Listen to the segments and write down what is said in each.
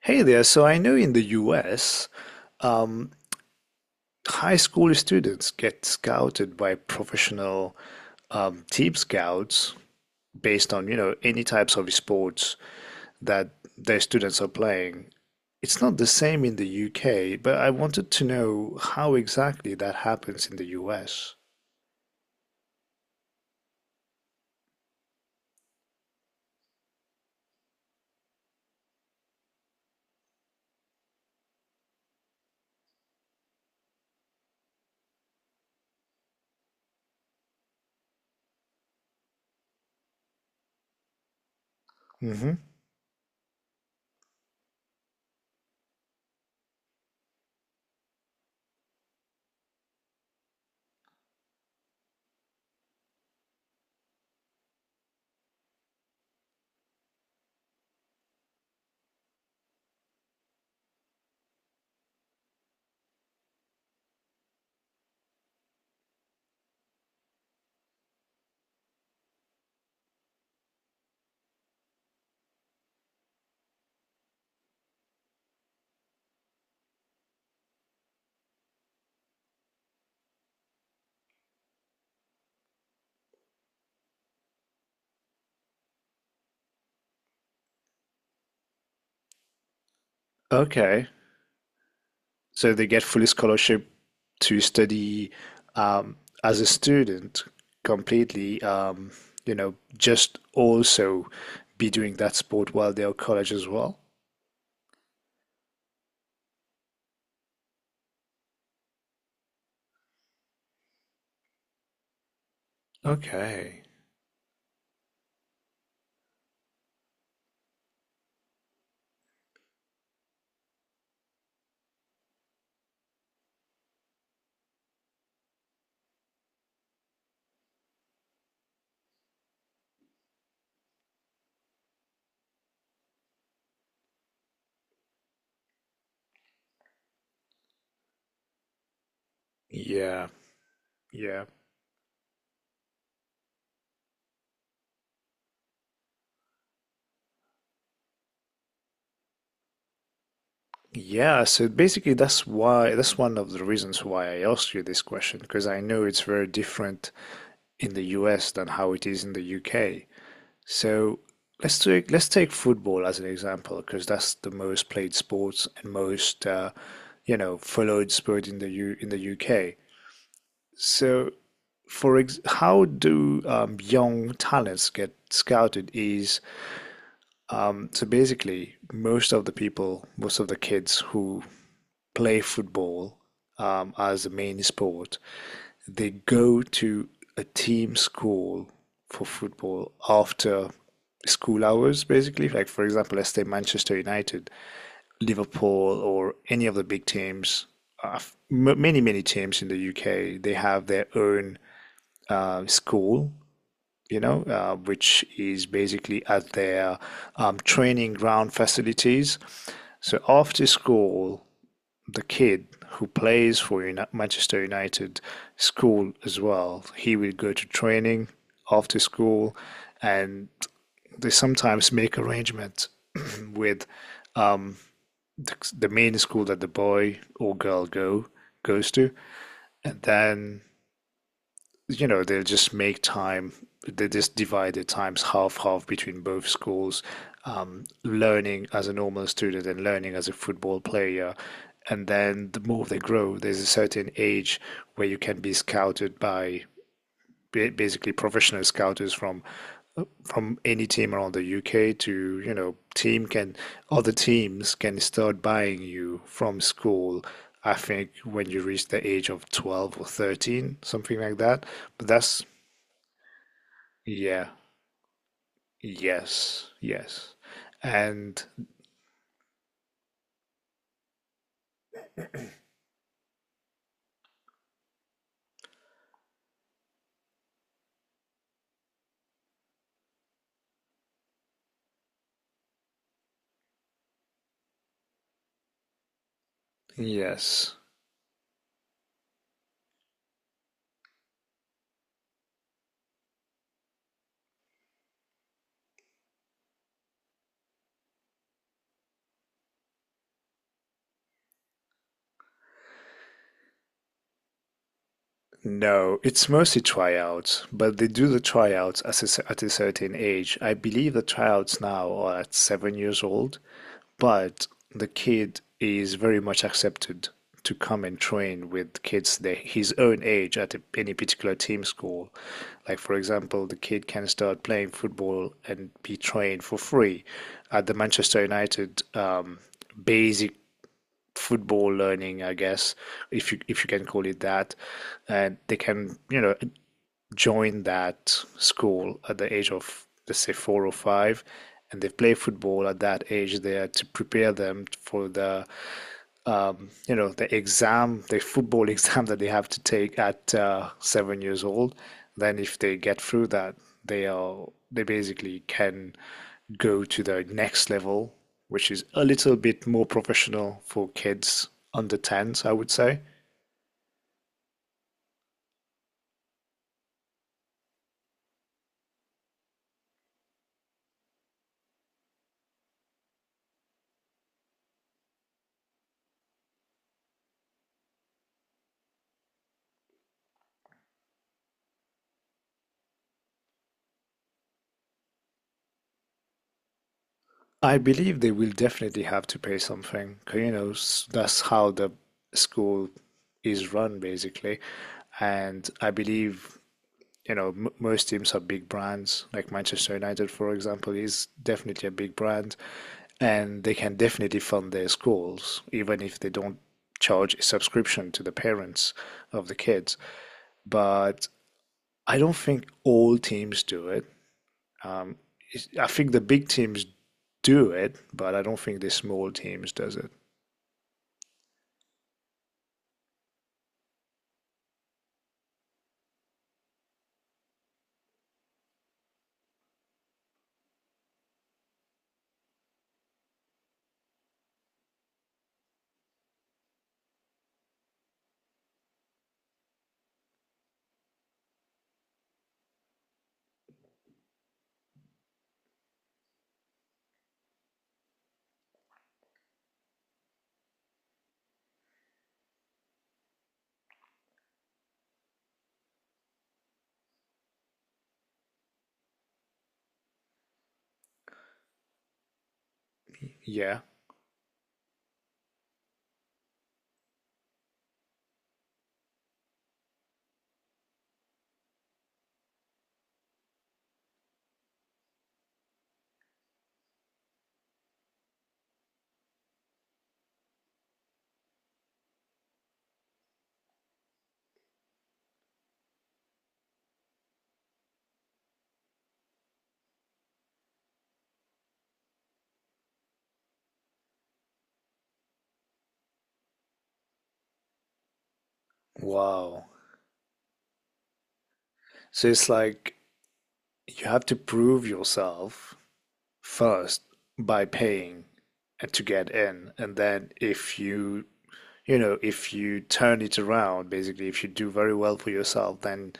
Hey there. So I know in the US, um, high school students get scouted by professional team scouts based on, you know, any types of sports that their students are playing. It's not the same in the UK, but I wanted to know how exactly that happens in the US. Hmm. Okay. So they get full scholarship to study um, as a student completely, you know, just also be doing that sport while they're at college as well. Okay. Yeah. Yeah. Yeah. So basically, that's one of the reasons why I asked you this question, because I know it's very different in the US than how it is in the UK. So let's take football as an example because that's the most played sports and most you know, followed sport in the UK. So for ex how do young talents get scouted is so basically most of the kids who play football as the main sport, they go to a team school for football after school hours, basically. Like, for example, let's say Manchester United, Liverpool, or any of the big teams, uh, many, many teams in the UK, they have their own school, you know, which is basically at their training ground facilities. So after school, the kid who plays for Manchester United school as well. He would go to training after school, and they sometimes make arrangements with um, the main school that the boy or girl go goes to, and then you know, they'll just make time, they just divide the times half half between both schools, learning as a normal student and learning as a football player. And then the more they grow, there's a certain age where you can be scouted by basically professional scouters from any team around the UK to, you know, team can other teams can start buying you from school. I think when you reach the age of 12 or 13, something like that. But yeah, yes, yes, and yes. No, it's mostly tryouts, but they do the tryouts at at a certain age. I believe the tryouts now are at 7 years old, but the kid is very much accepted to come and train with kids his own age at any particular team school. Like, for example, the kid can start playing football and be trained for free at the Manchester United basic football learning, I guess, if you can call it that. And they can, you know, joined that school at the age of, let's say, four or five, and they play football at that age there to prepare them for you know, the football exam that they have to take at 7 years old. Then, if they get through that, they basically can go to the next level, which is a little bit more professional for kids under 10s, I would say. I believe they will definitely have to pay something. 'Cause, you know, that's how the school is run, basically. And I believe, you know, m most teams are big brands. Like Manchester United, for example, is definitely a big brand, and they can definitely fund their schools, even if they don't charge a subscription to the parents of the kids. But I don't think all teams do it. Um, I think the big teams do it, but I don't think the small teams does it. Yeah. Wow. So it's like you have to prove yourself first by paying to get in, and then if you you know, if you turn it around, basically if you do very well for yourself, then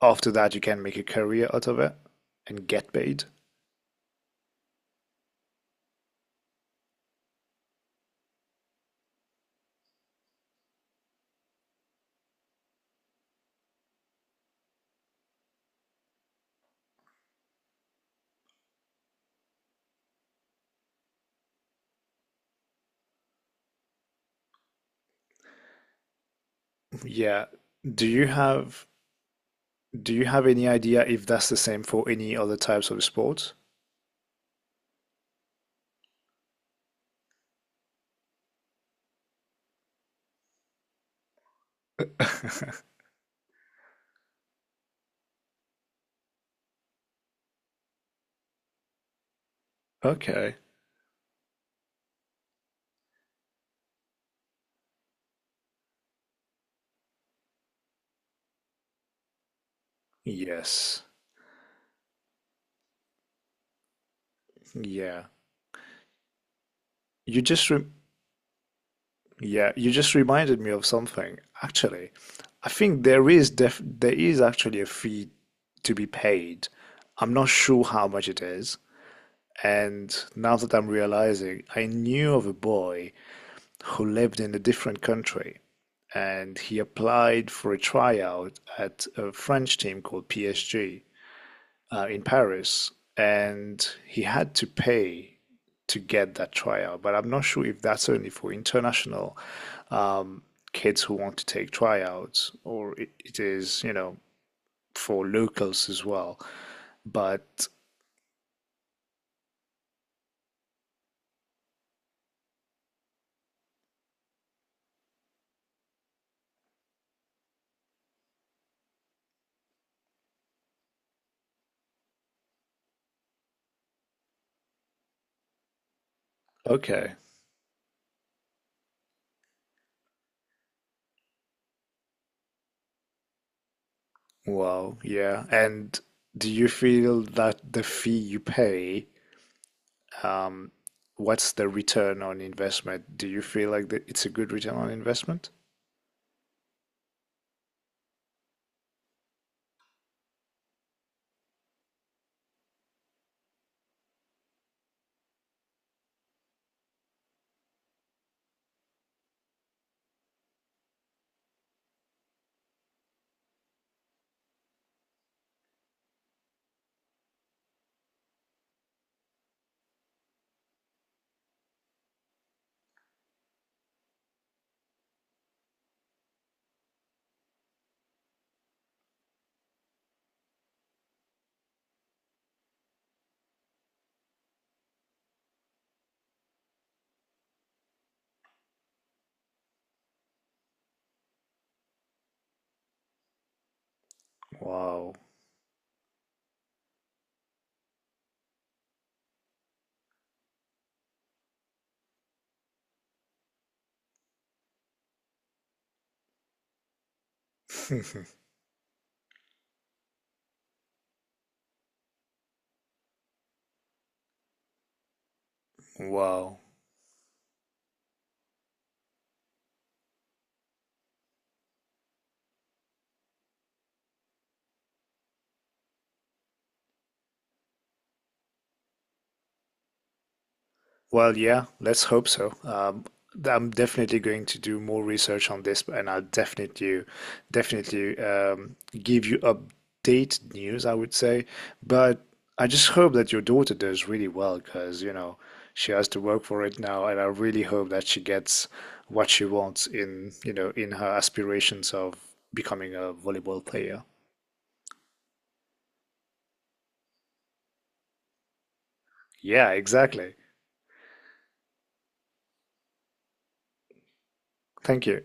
after that you can make a career out of it and get paid. Yeah. Do you have do you have any idea if that's the same for any other types of sports? Okay. Yes. Yeah. You just re Yeah, you just reminded me of something. Actually, I think there is actually a fee to be paid. I'm not sure how much it is. And now that I'm realizing, I knew of a boy who lived in a different country and he applied for a tryout at a French team called PSG, in Paris, and he had to pay to get that trial. But I'm not sure if that's only for international um, kids who want to take tryouts or it is, you know, for locals as well. But okay, well, yeah. And do you feel that the fee you pay, um, what's the return on investment? Do you feel like that it's a good return on investment? Wow. Wow. Well, yeah, let's hope so. I'm definitely going to do more research on this, and definitely give you update news, I would say. But I just hope that your daughter does really well, because you know she has to work for it now, and I really hope that she gets what she wants in, you know, in her aspirations of becoming a volleyball player. Yeah, exactly. Thank you.